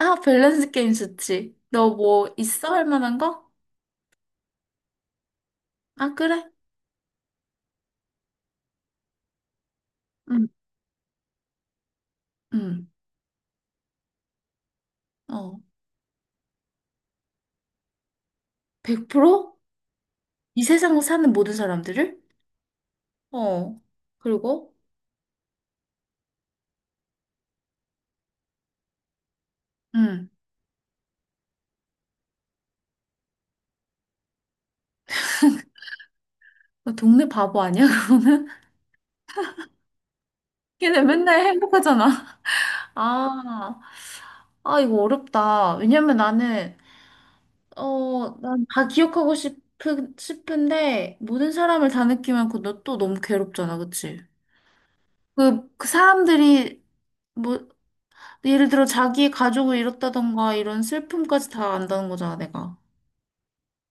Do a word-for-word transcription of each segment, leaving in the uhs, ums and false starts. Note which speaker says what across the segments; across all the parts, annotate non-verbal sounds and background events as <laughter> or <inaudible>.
Speaker 1: 아, 밸런스 게임 좋지. 너 뭐 있어? 할 만한 거? 아, 그래? 응, 응. 어. 백 퍼센트? 이 세상을 사는 모든 사람들을? 어. 그리고? 응. 너 동네 바보 아니야? <laughs> 걔네 맨날 행복하잖아. 아, 아, 이거 어렵다. 왜냐면 나는, 어, 난 다 기억하고 싶은, 싶은데, 모든 사람을 다 느끼면 그너 또 너무 괴롭잖아, 그치? 그, 그 사람들이, 뭐, 그 예를 들어 자기의 가족을 잃었다던가 이런 슬픔까지 다 안다는 거잖아, 내가.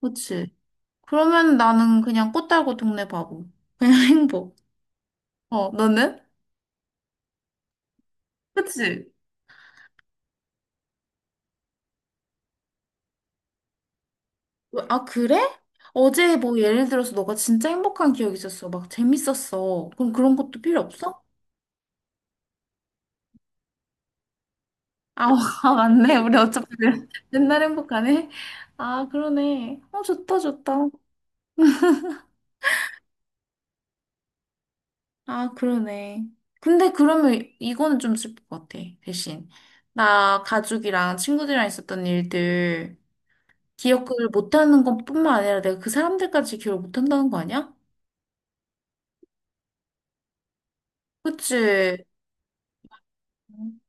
Speaker 1: 그치? 그러면 나는 그냥 꽃 달고 동네 바보. 그냥 <laughs> 행복. 어, 너는? 그치? 아, 그래? 어제 뭐 예를 들어서 너가 진짜 행복한 기억이 있었어. 막 재밌었어. 그럼 그런 것도 필요 없어? 아, <laughs> 아, 맞네. 우리 어차피 맨- 맨날 행복하네. 아, 그러네. 어, 좋다, 좋다. 아, 그러네. 근데 그러면 이거는 좀 슬플 것 같아, 대신. 나 가족이랑 친구들이랑 있었던 일들 기억을 못하는 것뿐만 아니라 내가 그 사람들까지 기억을 못한다는 거 아니야? 그치?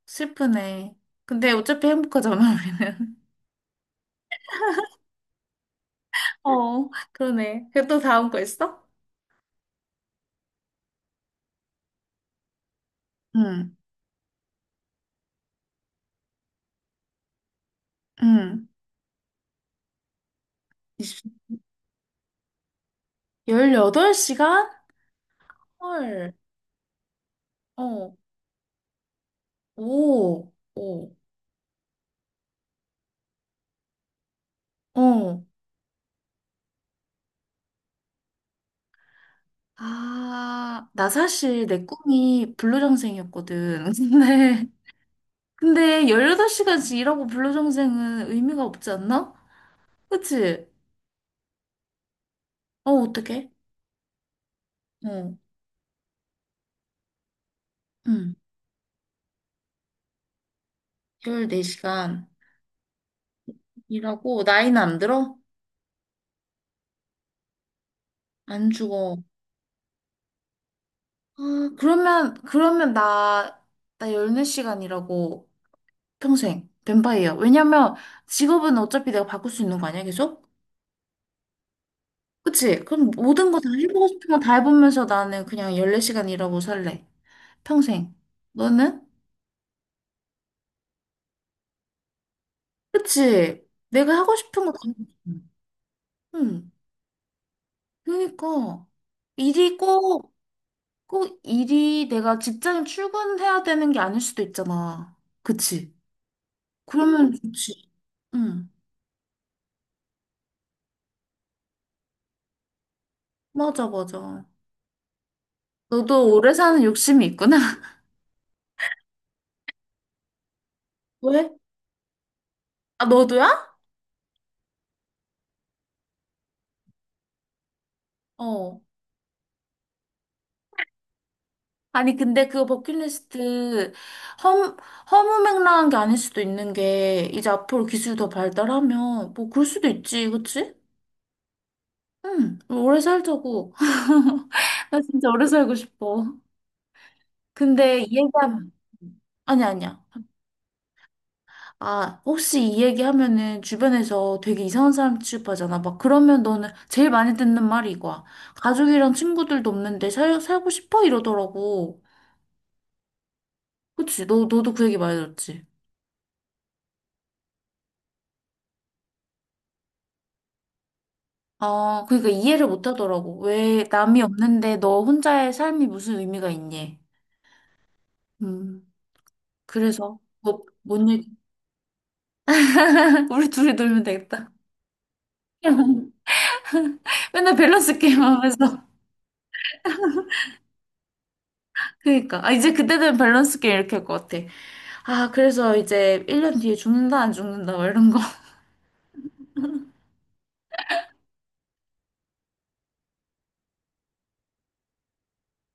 Speaker 1: 슬프네. 근데 어차피 행복하잖아, 우리는. <laughs> 어, 그러네. 그럼 또 다음 거 있어? 응, 응. 열여덟 시간? 헐. 어, 오, 오, 어. 아, 나 사실 내 꿈이 블루정생이었거든. <laughs> 근데, 근데 열여덟 시간씩 일하고 블루정생은 의미가 없지 않나? 그치? 어, 어떡해? 어, 응. 열네 시간 일하고 나이는 안 들어? 안 죽어. 아, 그러면, 그러면 나, 나 열네 시간 일하고 평생 뱀파이어. 왜냐면 직업은 어차피 내가 바꿀 수 있는 거 아니야, 계속? 그치? 그럼 모든 거 다 해보고 싶은 거 다 해보면서 나는 그냥 열네 시간 일하고 살래. 평생. 너는? 그치? 내가 하고 싶은 거 다 해보고 싶어. 응. 그러니까. 일이 꼭, 꼭 일이 내가 직장에 출근해야 되는 게 아닐 수도 있잖아. 그치? 그러면 좋지. 응. 맞아, 맞아. 너도 오래 사는 욕심이 있구나. <laughs> 왜? 아, 너도야? 어. 아니, 근데 그거 버킷리스트 허무, 허무맹랑한 게 아닐 수도 있는 게, 이제 앞으로 기술이 더 발달하면, 뭐, 그럴 수도 있지, 그치? 응, 오래 살자고. <laughs> 나 진짜 오래 살고 싶어. 근데 이 얘기하면, 아니, 아니야. 아, 혹시 이 얘기하면은 주변에서 되게 이상한 사람 취급하잖아. 막 그러면 너는 제일 많이 듣는 말이 이거야. 가족이랑 친구들도 없는데 살, 살고 싶어? 이러더라고. 그치? 너, 너도 그 얘기 많이 들었지? 아, 그러니까 이해를 못 하더라고. 왜 남이 없는데 너 혼자의 삶이 무슨 의미가 있니? 음, 그래서 뭐, 뭔 얘기? <laughs> 우리 둘이 놀면 되겠다. <laughs> 맨날 밸런스 게임 하면서. 그러니까. 아, 이제 그때 되면 밸런스 게임 이렇게 할 것 같아. 아, 그래서 이제 일 년 뒤에 죽는다, 안 죽는다, 막 이런 거. <laughs>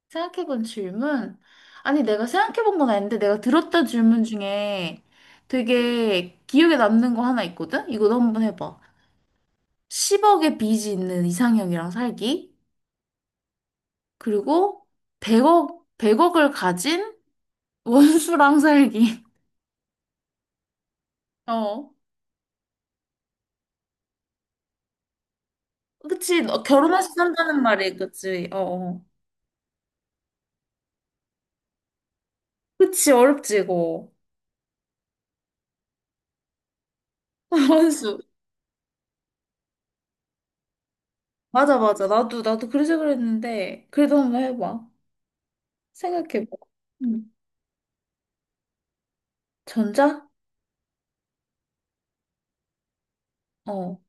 Speaker 1: 생각해본 질문? 아니, 내가 생각해본 건 아닌데, 내가 들었던 질문 중에 되게 기억에 남는 거 하나 있거든? 이거 너 한번 해봐. 십억의 빚이 있는 이상형이랑 살기, 그리고 백억, 백억을 가진 원수랑 살기. <laughs> 어. 그치, 너 결혼해서 산다는 말이, 그치, 어. 어. 그치, 어렵지, 이거. <laughs> 원수. 맞아, 맞아. 나도, 나도 그래서 그랬는데, 그래도 한번 해봐. 생각해봐. 응. 전자? 어.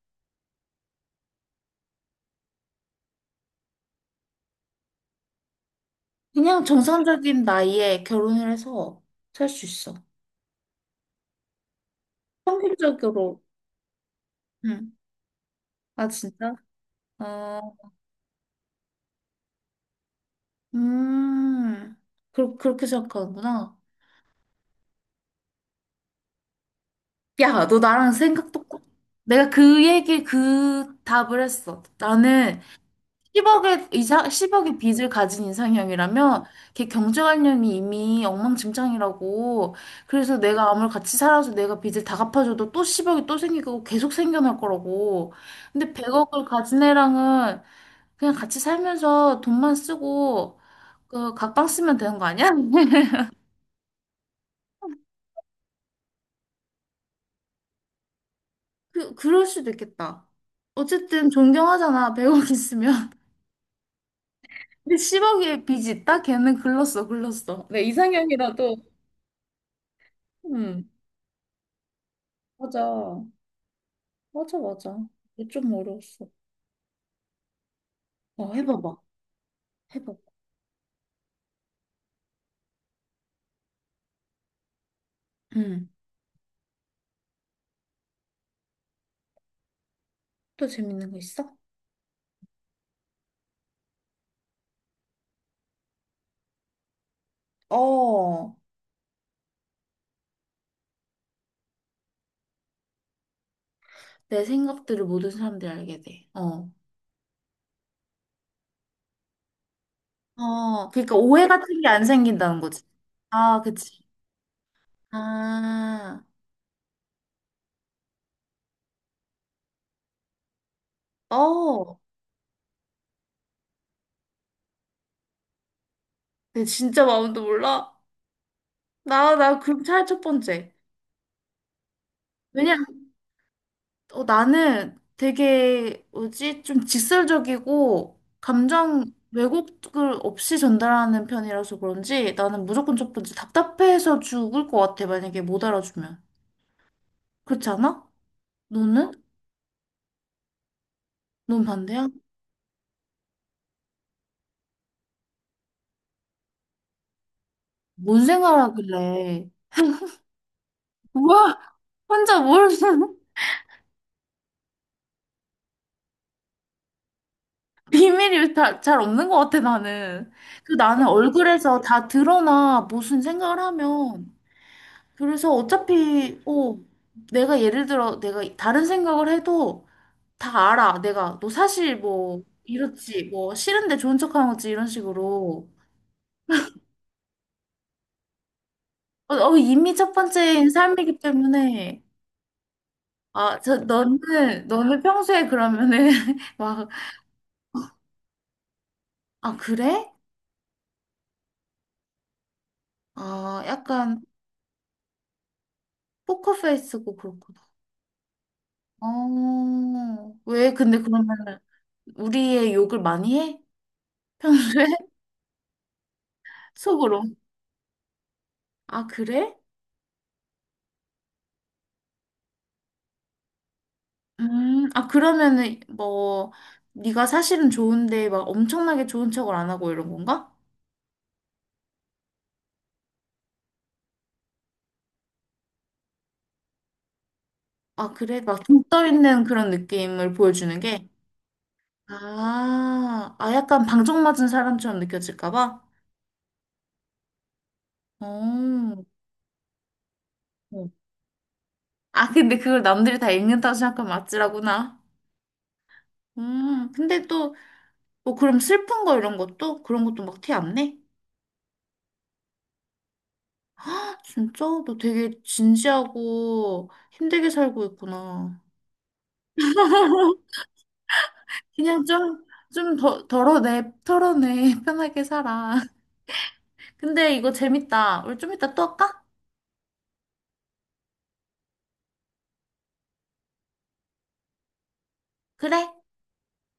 Speaker 1: 그냥 정상적인 나이에 결혼을 해서 살 수 있어. 평균적으로. 응. 아, 진짜? 어. 음, 그, 그렇게 생각하는구나. 야, 너 나랑 생각 똑같 내가 그 얘기, 그 답을 했어. 나는 십억의 이상, 십억의 빚을 가진 이상형이라면 걔 경제관념이 이미 엉망진창이라고. 그래서 내가 아무리 같이 살아서 내가 빚을 다 갚아줘도 또 십억이 또 생기고 계속 생겨날 거라고. 근데 백억을 가진 애랑은 그냥 같이 살면서 돈만 쓰고 그 각방 쓰면 되는 거 아니야? <laughs> 그, 그럴 수도 있겠다. 어쨌든 존경하잖아, 백억 있으면. <laughs> 근데 십억의 빚이 있다? 걔는 글렀어, 글렀어. 내 이상형이라도, 음, 맞아. 맞아, 맞아. 이거 좀 어려웠어. 어, 해봐봐, 해봐봐. 음, 또 재밌는 거 있어? 어, 내 생각들을 모든 사람들이 알게 돼. 어. 어, 그러니까 오해 같은 게 안 생긴다는 거지. 아, 그치. 아, 어. 내 진짜 마음도 몰라. 나, 나 그럼 차라리 첫 번째. 왜냐? 어, 나는 되게 뭐지? 좀 직설적이고 감정 왜곡을 없이 전달하는 편이라서 그런지 나는 무조건 첫 번째 답답해서 죽을 것 같아. 만약에 못 알아주면. 그렇지 않아? 너는? 넌 반대야? 뭔 생각하길래. 우와, 혼자 뭘 <laughs> 비밀이 다, 잘 없는 것 같아, 나는. 그 나는 얼굴에서 다 드러나 무슨 생각을 하면 그래서 어차피, 어, 내가 예를 들어, 내가 다른 생각을 해도 다 알아. 내가, 너 사실 뭐, 이렇지, 뭐, 싫은데 좋은 척 하는 거지, 이런 식으로. 어, 어, 이미 첫 번째인 삶이기 때문에, 아, 저, 너는, 너는 평소에 그러면은, <laughs> 막, 아, 그래? 아, 약간, 포커페이스고 그렇구나. 어, 왜, 근데 그러면은, 우리의 욕을 많이 해? 평소에? <laughs> 속으로. 아, 그래? 음, 아, 그러면은, 뭐, 네가 사실은 좋은데, 막 엄청나게 좋은 척을 안 하고 이런 건가? 아, 그래? 막 좀 떠 있는 그런 느낌을 보여주는 게? 아, 아, 약간 방정 맞은 사람처럼 느껴질까 봐? 어. 어. 아, 근데 그걸 남들이 다 읽는다고 생각하면 아찔하구나. 음, 근데 또, 뭐, 그럼 슬픈 거 이런 것도? 그런 것도 막 티 안 내? <gasps> 아 진짜? 너 되게 진지하고 힘들게 살고 있구나. 그냥 좀, 좀 더, 덜어내, 털어내. <laughs> 편하게 살아. 근데 이거 재밌다. 우리 좀 이따 또 할까? 그래.